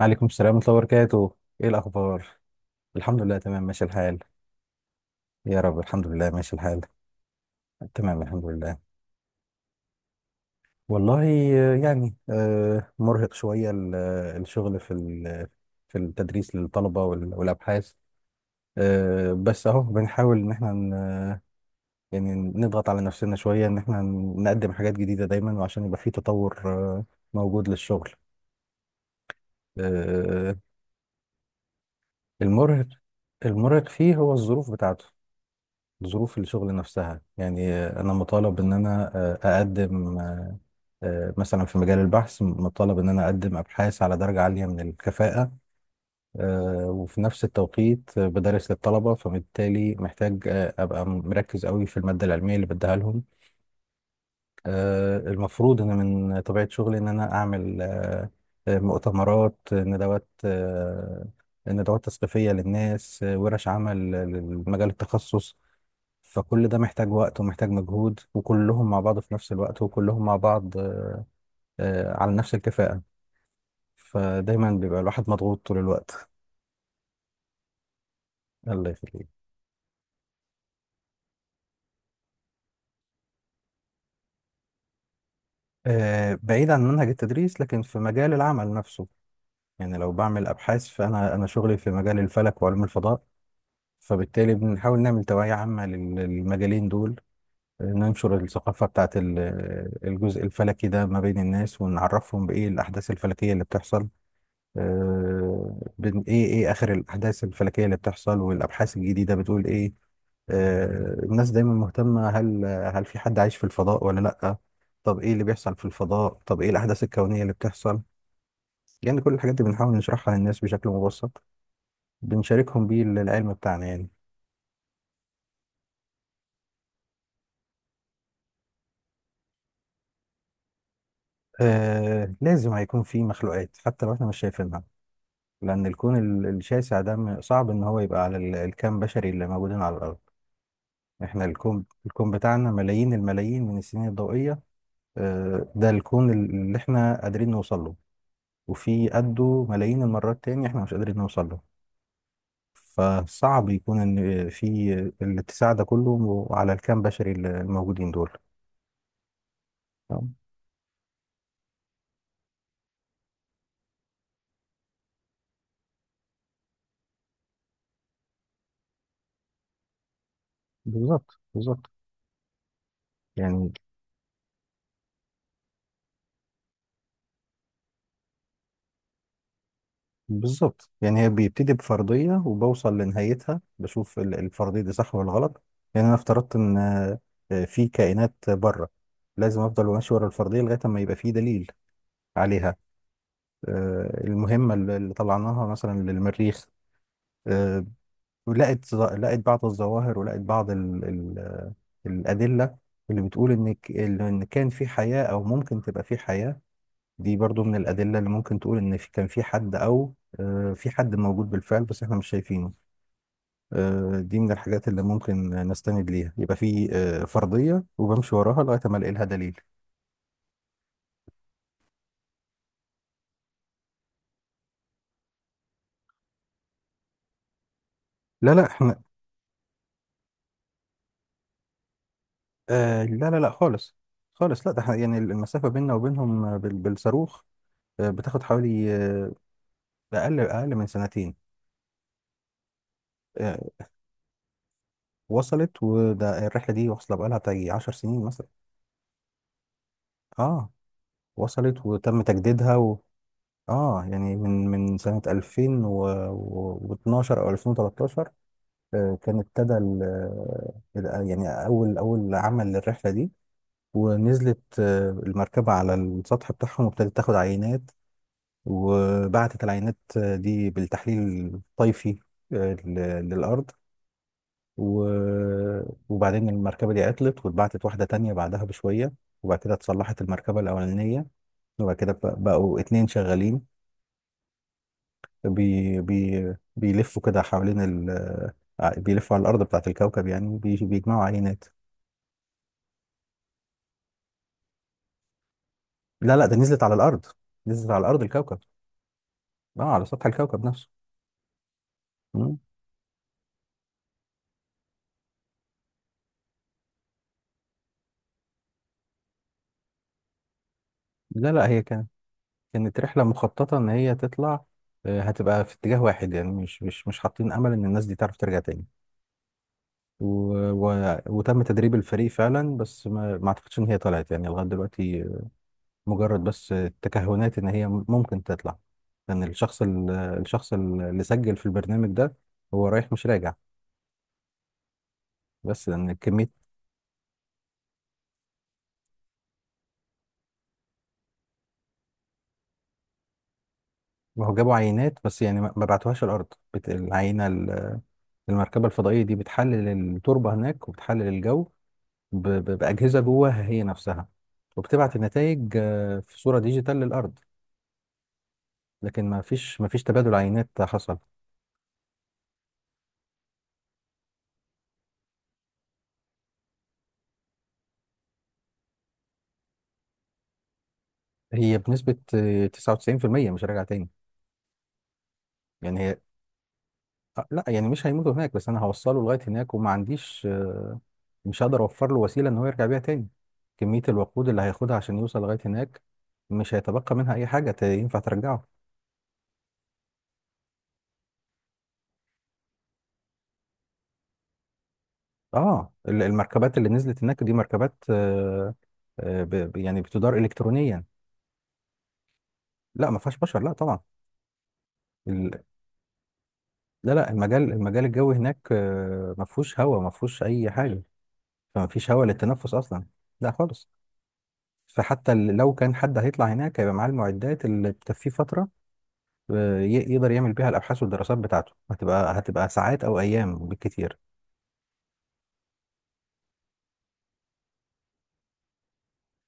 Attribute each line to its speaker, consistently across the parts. Speaker 1: عليكم السلام ورحمة الله وبركاته. ايه الاخبار؟ الحمد لله، تمام، ماشي الحال. يا رب، الحمد لله ماشي الحال. تمام الحمد لله. والله، يعني مرهق شوية الشغل في التدريس للطلبة والابحاث. بس اهو بنحاول ان احنا يعني نضغط على نفسنا شوية ان احنا نقدم حاجات جديدة دايما، وعشان يبقى في تطور موجود للشغل. آه، المرهق المرهق فيه هو الظروف بتاعته. ظروف الشغل نفسها. يعني انا مطالب ان انا آه، اقدم آه، مثلا في مجال البحث مطالب ان انا اقدم ابحاث على درجة عالية من الكفاءة. وفي نفس التوقيت بدرس للطلبة، فبالتالي محتاج ابقى مركز قوي في المادة العلمية اللي بديها لهم. المفروض ان من طبيعة شغلي ان انا اعمل مؤتمرات، ندوات، ندوات تثقيفية للناس، ورش عمل لمجال التخصص. فكل ده محتاج وقت ومحتاج مجهود، وكلهم مع بعض في نفس الوقت، وكلهم مع بعض على نفس الكفاءة. فدايما بيبقى الواحد مضغوط طول الوقت. الله يخليك. بعيد عن منهج التدريس، لكن في مجال العمل نفسه. يعني لو بعمل أبحاث، فأنا شغلي في مجال الفلك وعلوم الفضاء، فبالتالي بنحاول نعمل توعية عامة للمجالين دول. ننشر الثقافة بتاعت الجزء الفلكي ده ما بين الناس، ونعرفهم بإيه الأحداث الفلكية اللي بتحصل. إيه آخر الأحداث الفلكية اللي بتحصل، والأبحاث الجديدة بتقول إيه. الناس دايما مهتمة، هل في حد عايش في الفضاء ولا لأ؟ طب إيه اللي بيحصل في الفضاء؟ طب إيه الأحداث الكونية اللي بتحصل؟ يعني كل الحاجات دي بنحاول نشرحها للناس بشكل مبسط. بنشاركهم بيه العلم بتاعنا يعني. آه، لازم هيكون في مخلوقات حتى لو احنا مش شايفينها، لان الكون الشاسع ده صعب ان هو يبقى على الكم بشري اللي موجودين على الارض. احنا الكون بتاعنا ملايين الملايين من السنين الضوئية. آه، ده الكون اللي احنا قادرين نوصل له، وفي قده ملايين المرات تاني احنا مش قادرين نوصل له. فصعب يكون ان في الاتساع ده كله على الكم بشري اللي الموجودين دول. آه، بالظبط بالظبط. يعني بالظبط، يعني هي بيبتدي بفرضية، وبوصل لنهايتها بشوف الفرضية دي صح ولا غلط. يعني أنا افترضت إن في كائنات بره، لازم أفضل ماشي ورا الفرضية لغاية ما يبقى في دليل عليها. المهمة اللي طلعناها مثلا للمريخ، آه، لقت بعض الظواهر، ولقت بعض ال ال آه، الأدلة اللي بتقول إن إن كان في حياة أو ممكن تبقى في حياة. دي برضو من الأدلة اللي ممكن تقول إن كان في حد، أو في حد موجود بالفعل بس إحنا مش شايفينه. دي من الحاجات اللي ممكن نستند ليها، يبقى في فرضية وبمشي وراها لغاية ما ألاقي لها دليل. لا لا، إحنا لا لا لا، خالص خالص، لا. ده إحنا يعني المسافة بيننا وبينهم بالصاروخ، بتاخد حوالي أقل من سنتين. آه، وصلت. وده الرحلة دي واصلة بقالها بتاعي 10 سنين مثلا. آه، وصلت وتم تجديدها. اه، يعني من سنة 2012 او 2013، كان ابتدى يعني اول عمل للرحلة دي. ونزلت المركبة على السطح بتاعهم وابتدت تاخد عينات. وبعتت العينات دي بالتحليل الطيفي للأرض. و- وبعدين المركبة دي عطلت، واتبعتت واحدة تانية بعدها بشوية. وبعد كده اتصلحت المركبة الأولانية. وبعد كده بقوا اتنين شغالين، بي بي بيلفوا كده حوالين ال بيلفوا على الأرض بتاعة الكوكب يعني، بيجمعوا عينات. لا لا، ده نزلت على الأرض. نزلت على الأرض، الكوكب. اه، على سطح الكوكب نفسه. مم. لا لا، هي كانت رحلة مخططة إن هي تطلع، هتبقى في اتجاه واحد، يعني مش حاطين أمل إن الناس دي تعرف ترجع تاني. و... وتم تدريب الفريق فعلا، بس ما أعتقدش إن هي طلعت يعني لغاية دلوقتي. مجرد بس تكهنات ان هي ممكن تطلع. لان الشخص اللي سجل في البرنامج ده هو رايح مش راجع. بس لان كميه... ما هو جابوا عينات، بس يعني ما بعتوهاش الارض. بت- العينه ال- المركبه الفضائيه دي بتحلل التربه هناك، وبتحلل الجو باجهزه جواها هي نفسها. وبتبعت النتائج في صوره ديجيتال للارض. لكن ما فيش تبادل عينات حصل. هي بنسبه 99% مش راجعه تاني. يعني هي لا يعني مش هيموتوا هناك، بس انا هوصله لغايه هناك، وما عنديش مش هقدر اوفر له وسيله ان هو يرجع بيها تاني. كميه الوقود اللي هياخدها عشان يوصل لغايه هناك مش هيتبقى منها اي حاجه ينفع ترجعه. اه، المركبات اللي نزلت هناك دي مركبات يعني بتدار الكترونيا. لا، ما فيهاش بشر، لا طبعا. ال... لا لا، المجال الجوي هناك ما فيهوش اي حاجه. فما فيش هواء للتنفس اصلا. لا خالص. فحتى لو كان حد هيطلع هناك هيبقى معاه المعدات اللي تكفيه فتره، يقدر يعمل بيها الابحاث والدراسات بتاعته. هتبقى ساعات او ايام بالكتير.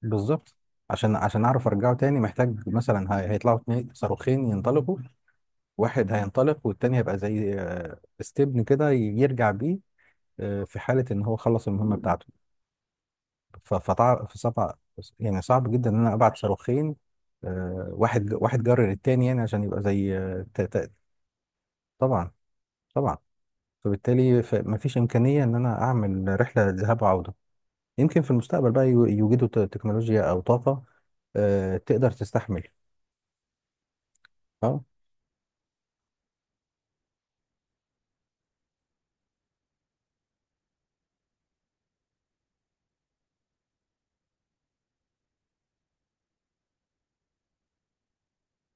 Speaker 1: بالظبط. عشان اعرف ارجعه تاني محتاج مثلا هيطلعوا اتنين صاروخين ينطلقوا. واحد هينطلق، والتاني هيبقى زي استبن كده يرجع بيه في حالة ان هو خلص المهمة بتاعته. فصعب، يعني صعب جدا ان انا ابعت صاروخين، واحد واحد جرر التاني، يعني عشان يبقى زي طبعا طبعا. فبالتالي مفيش امكانية ان انا اعمل رحلة ذهاب وعودة. يمكن في المستقبل بقى يوجدوا تكنولوجيا او طاقه تقدر تستحمل. اه.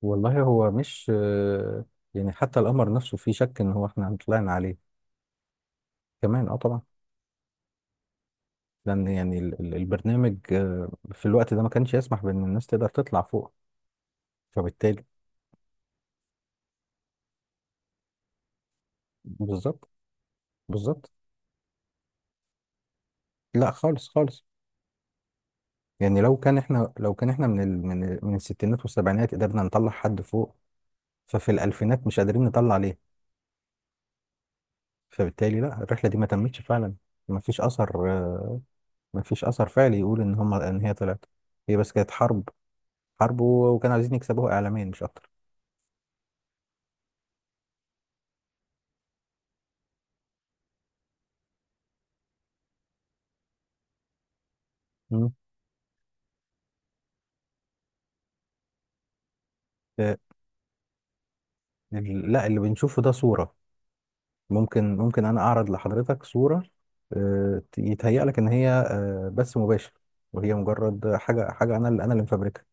Speaker 1: والله هو مش يعني حتى القمر نفسه في شك ان هو احنا طلعنا عليه. كمان اه طبعا. لان يعني البرنامج في الوقت ده ما كانش يسمح بان الناس تقدر تطلع فوق، فبالتالي بالظبط بالظبط. لا خالص خالص. يعني لو كان احنا من من الستينات والسبعينات قدرنا نطلع حد فوق، ففي الالفينات مش قادرين نطلع ليه؟ فبالتالي لا، الرحله دي ما تمتش فعلا. ما فيش اثر آه، مفيش اثر فعلي يقول ان هم ان هي طلعت. هي بس كانت حرب، وكانوا عايزين يكسبوها اعلاميا مش اكتر. مم. آه، لا، اللي بنشوفه ده صورة. ممكن انا اعرض لحضرتك صورة، يتهيأ لك ان هي بث مباشر، وهي مجرد حاجة انا اللي اللي مفبركها.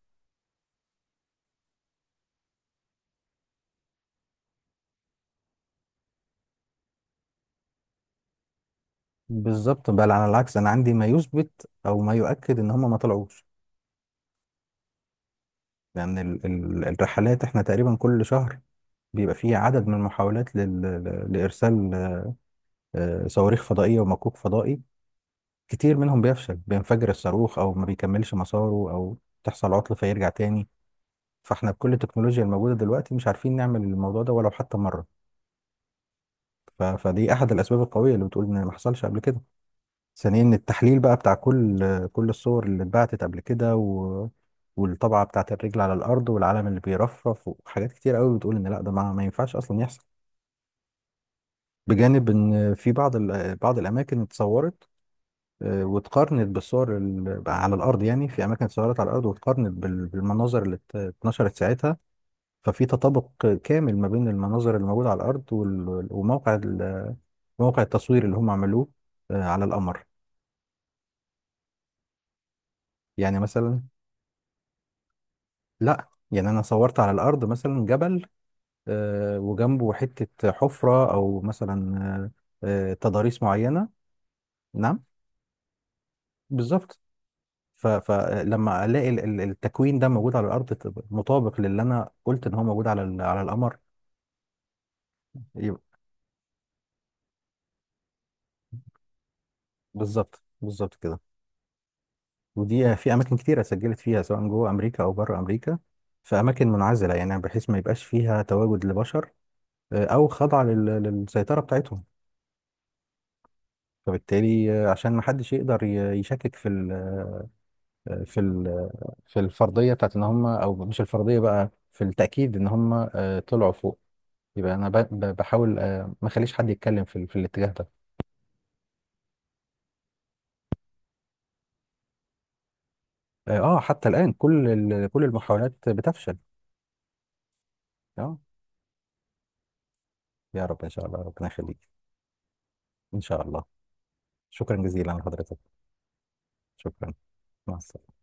Speaker 1: بالظبط. بل على العكس، انا عندي ما يثبت او ما يؤكد ان هم ما طلعوش. لان الرحلات احنا تقريبا كل شهر بيبقى فيه عدد من المحاولات لارسال صواريخ فضائية ومكوك فضائي. كتير منهم بيفشل، بينفجر الصاروخ، او ما بيكملش مساره، او تحصل عطل فيرجع تاني. فاحنا بكل التكنولوجيا الموجوده دلوقتي مش عارفين نعمل الموضوع ده ولو حتى مره. فدي احد الاسباب القويه اللي بتقول ان ما حصلش قبل كده. ثانيا إن التحليل بقى بتاع كل الصور اللي اتبعتت قبل كده، والطبعه بتاعت الرجل على الارض، والعلم اللي بيرفرف، وحاجات كتير قوي بتقول ان لا ده ما ينفعش اصلا يحصل. بجانب ان في بعض بعض الاماكن اتصورت، واتقارنت بالصور على الارض. يعني في اماكن اتصورت على الارض، واتقارنت بالمناظر اللي اتنشرت ساعتها. ففي تطابق كامل ما بين المناظر اللي موجوده على الارض موقع التصوير اللي هم عملوه على القمر. يعني مثلا، لا يعني انا صورت على الارض مثلا جبل، وجنبه حته حفره، او مثلا تضاريس معينه. نعم. بالظبط. فلما الاقي التكوين ده موجود على الارض، تبقى مطابق للي انا قلت ان هو موجود على على القمر. يبقى بالظبط بالظبط كده. ودي في اماكن كتيره سجلت فيها، سواء جوه امريكا او بره امريكا، في اماكن منعزله يعني بحيث ما يبقاش فيها تواجد لبشر، او خضع للسيطره بتاعتهم. فبالتالي عشان ما حدش يقدر يشكك في ال آه، في ال في الفرضيه بتاعت ان هم، او مش الفرضيه بقى، في التاكيد ان هم طلعوا فوق. يبقى انا بحاول ما اخليش حد يتكلم في في الاتجاه ده. اه، حتى الان كل المحاولات بتفشل. اه. يا رب، ان شاء الله، ربنا يخليك. ان شاء الله. شكرا جزيلا لحضرتك. شكرا. مع السلامه.